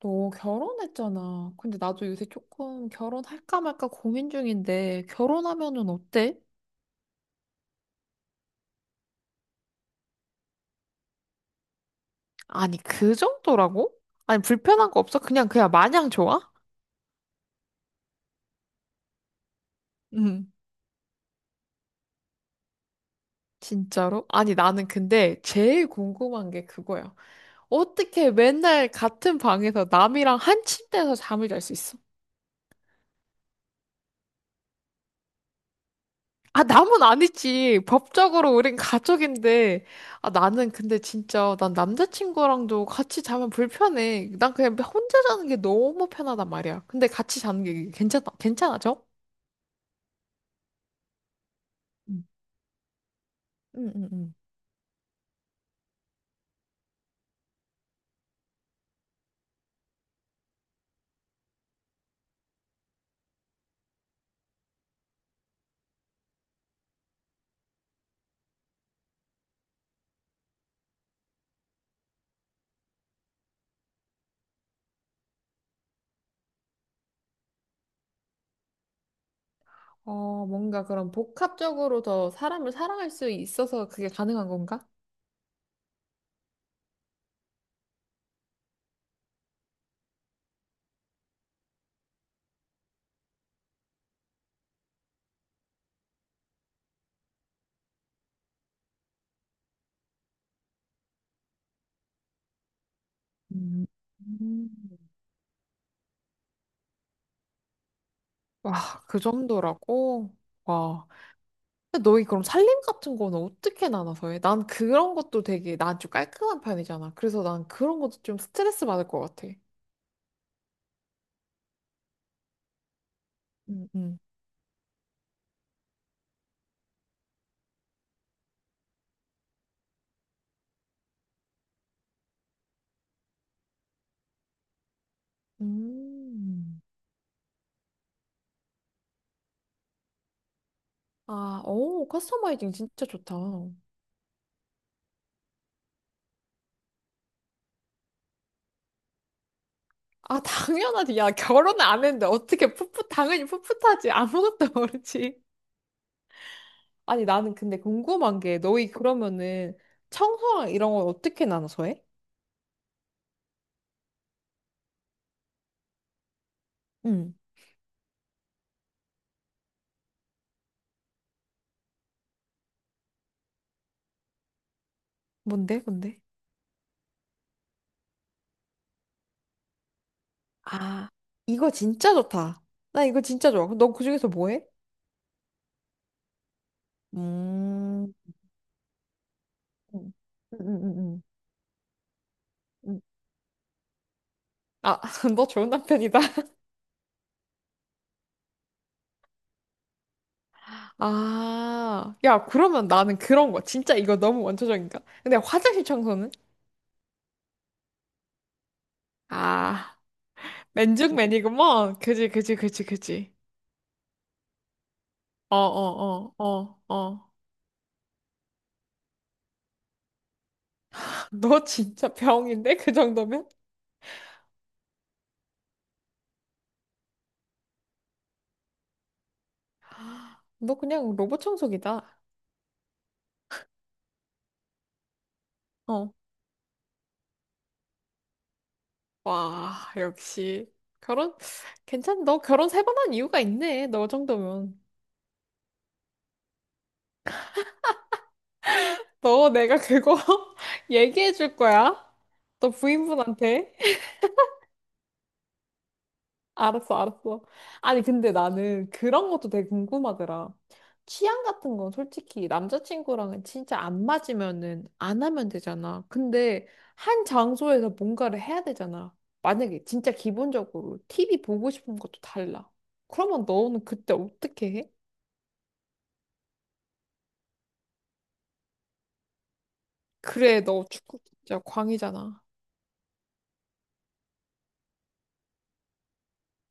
너 결혼했잖아. 근데 나도 요새 조금 결혼할까 말까 고민 중인데, 결혼하면은 어때? 아니, 그 정도라고? 아니, 불편한 거 없어? 그냥 마냥 좋아? 응. 진짜로? 아니, 나는 근데 제일 궁금한 게 그거야. 어떻게 맨날 같은 방에서 남이랑 한 침대에서 잠을 잘 수 있어? 아, 남은 아니지. 법적으로 우린 가족인데. 아, 나는 근데 진짜, 난 남자친구랑도 같이 자면 불편해. 난 그냥 혼자 자는 게 너무 편하단 말이야. 근데 같이 자는 게 괜찮아, 괜찮아져? 응, 응응, 어, 뭔가 그런 복합적으로 더 사람을 사랑할 수 있어서 그게 가능한 건가? 음. 음. 와, 그 정도라고? 와. 근데 너희 그럼 살림 같은 거는 어떻게 나눠서 해? 난 그런 것도 되게 난 좀 깔끔한 편이잖아. 그래서 난 그런 것도 좀 스트레스 받을 것 같아. 음, 음. 음. 아, 오, 커스터마이징 진짜 좋다. 아, 당연하지. 야, 결혼 안 했는데 어떻게 풋풋, 당연히 풋풋하지. 아무것도 모르지. 아니, 나는 근데 궁금한 게 너희 그러면은 청소랑 이런 건 어떻게 나눠서 해? 응. 뭔데, 뭔데? 아, 이거 진짜 좋다. 나 이거 진짜 좋아. 그럼 너 그중에서 뭐 해? 음. 응, 응, 응, 응. 응. 아, 너 좋은 남편이다. 아, 야, 그러면 나는 그런 거. 진짜 이거 너무 원초적인가? 근데 화장실 청소는? 아, 맨중맨이구먼. 그지, 그지, 그지, 그지. 어, 어, 어, 어, 어. 너 진짜 병인데? 그 정도면? 너 그냥 로봇 청소기다. 어. 와, 역시. 결혼, 괜찮, 너 결혼 세 번한 이유가 있네. 너 정도면. 너 내가 그거 얘기해 줄 거야? 너 부인분한테? 알았어, 알았어. 아니, 근데 나는 그런 것도 되게 궁금하더라. 취향 같은 건 솔직히 남자친구랑은 진짜 안 맞으면은 안 하면 되잖아. 근데 한 장소에서 뭔가를 해야 되잖아. 만약에 진짜 기본적으로 TV 보고 싶은 것도 달라. 그러면 너는 그때 어떻게 해? 그래, 너 축구 진짜 광이잖아.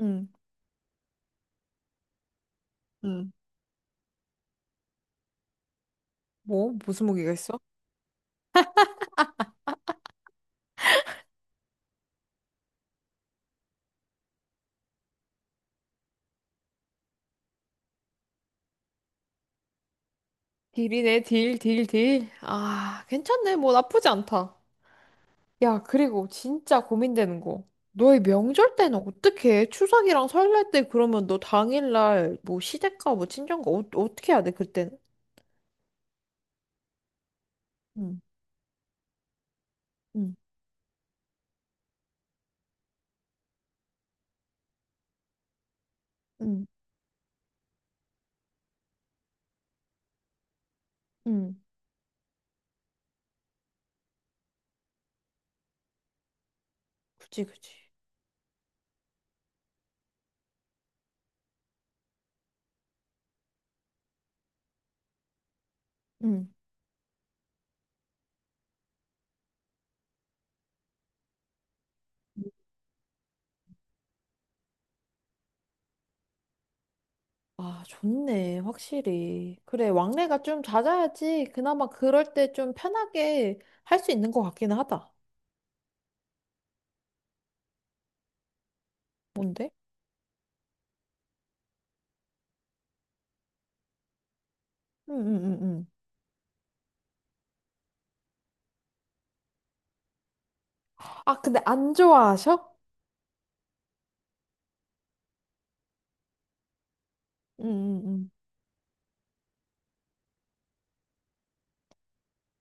응. 응. 뭐? 무슨 무기가 있어? 딜이네, 딜, 딜, 딜. 아, 괜찮네. 뭐 나쁘지 않다. 야, 그리고 진짜 고민되는 거. 너의 명절 때는 어떻게 해? 추석이랑 설날 때 그러면 너 당일날 뭐 시댁가 뭐 친정가 어, 어떻게 해야 돼, 그때는? 응, 응, 응, 응. 그치, 그치. 응. 아, 좋네. 확실히. 그래, 왕래가 좀 잦아야지. 그나마 그럴 때 좀 편하게 할 수 있는 것 같기는 하다. 뭔데? 응, 응, 응, 응. 아, 근데 안 좋아하셔? 응, 응, 응.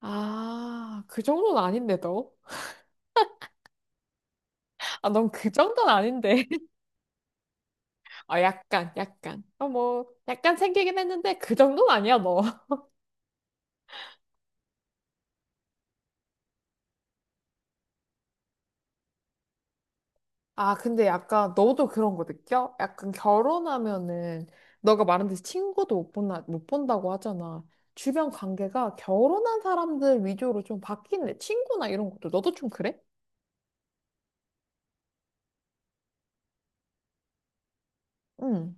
아, 그 정도는 아닌데, 너? 아, 넌 그 정도는 아닌데. 아, 약간, 약간. 어, 뭐, 약간 생기긴 했는데, 그 정도는 아니야, 너. 아, 근데 약간, 너도 그런 거 느껴? 약간 결혼하면은, 너가 말한 듯이 친구도 못 본다, 못 본다고 하잖아. 주변 관계가 결혼한 사람들 위주로 좀 바뀌네. 친구나 이런 것도. 너도 좀 그래? 응,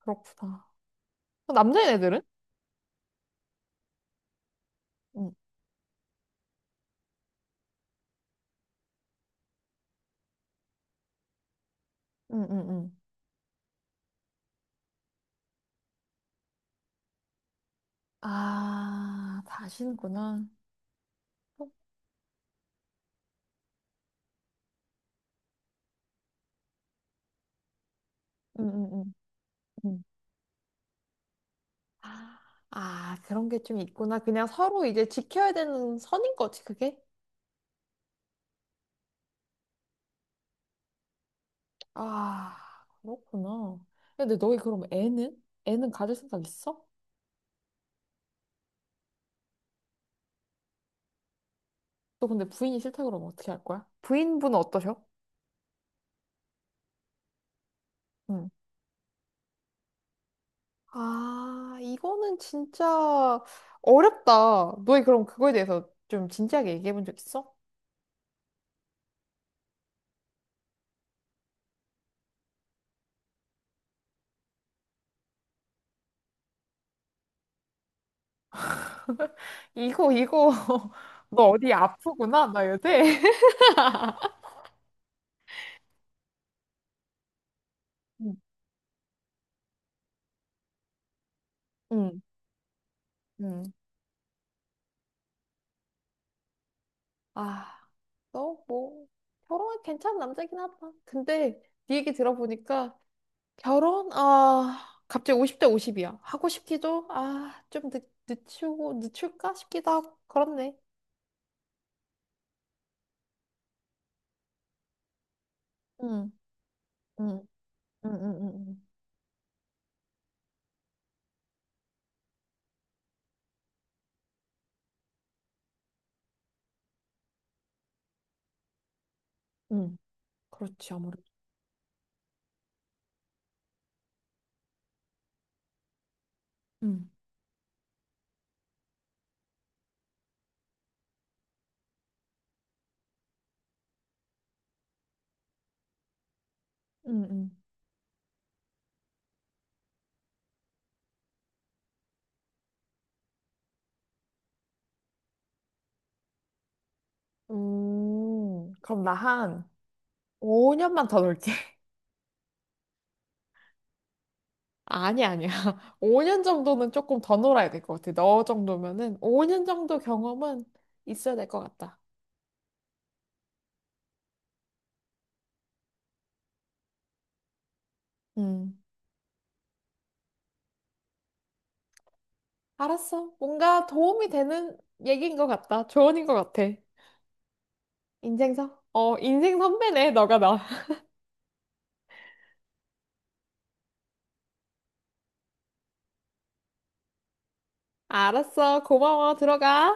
그렇구나. 남자애들은? 응, 응, 응, 응. 아, 다시는구나. 응, 응, 응. 응. 아, 아, 그런 게 좀 있구나. 그냥 서로 이제 지켜야 되는 선인 거지, 그게? 아, 그렇구나. 근데 너희 그럼 애는? 애는 가질 생각 있어? 너 근데 부인이 싫다 그러면 어떻게 할 거야? 부인분은 어떠셔? 응. 아, 이거는 진짜 어렵다. 너희 그럼 그거에 대해서 좀 진지하게 얘기해 본 적 있어? 이거, 이거, 너 어디 아프구나, 나 요새? 응. 응, 응. 아. 너 뭐 결혼은 괜찮은 남자긴 하다. 근데 네 얘기 들어보니까 결혼 아 갑자기 50대 50이야. 하고 싶기도 아 좀 늦추고 늦출까 싶기도 하고 그렇네. 응, 응, 응, 응, 응, 응, 그렇지 아무래도. 응, 응, 응. 그럼 나 한 5년만 더 놀게. 아니 아니야. 5년 정도는 조금 더 놀아야 될 것 같아. 너 정도면은 5년 정도 경험은 있어야 될 것 같다. 응. 알았어. 뭔가 도움이 되는 얘기인 것 같다. 조언인 것 같아. 인생 선? 어, 인생 선배네, 너가 나. 알았어. 고마워. 들어가.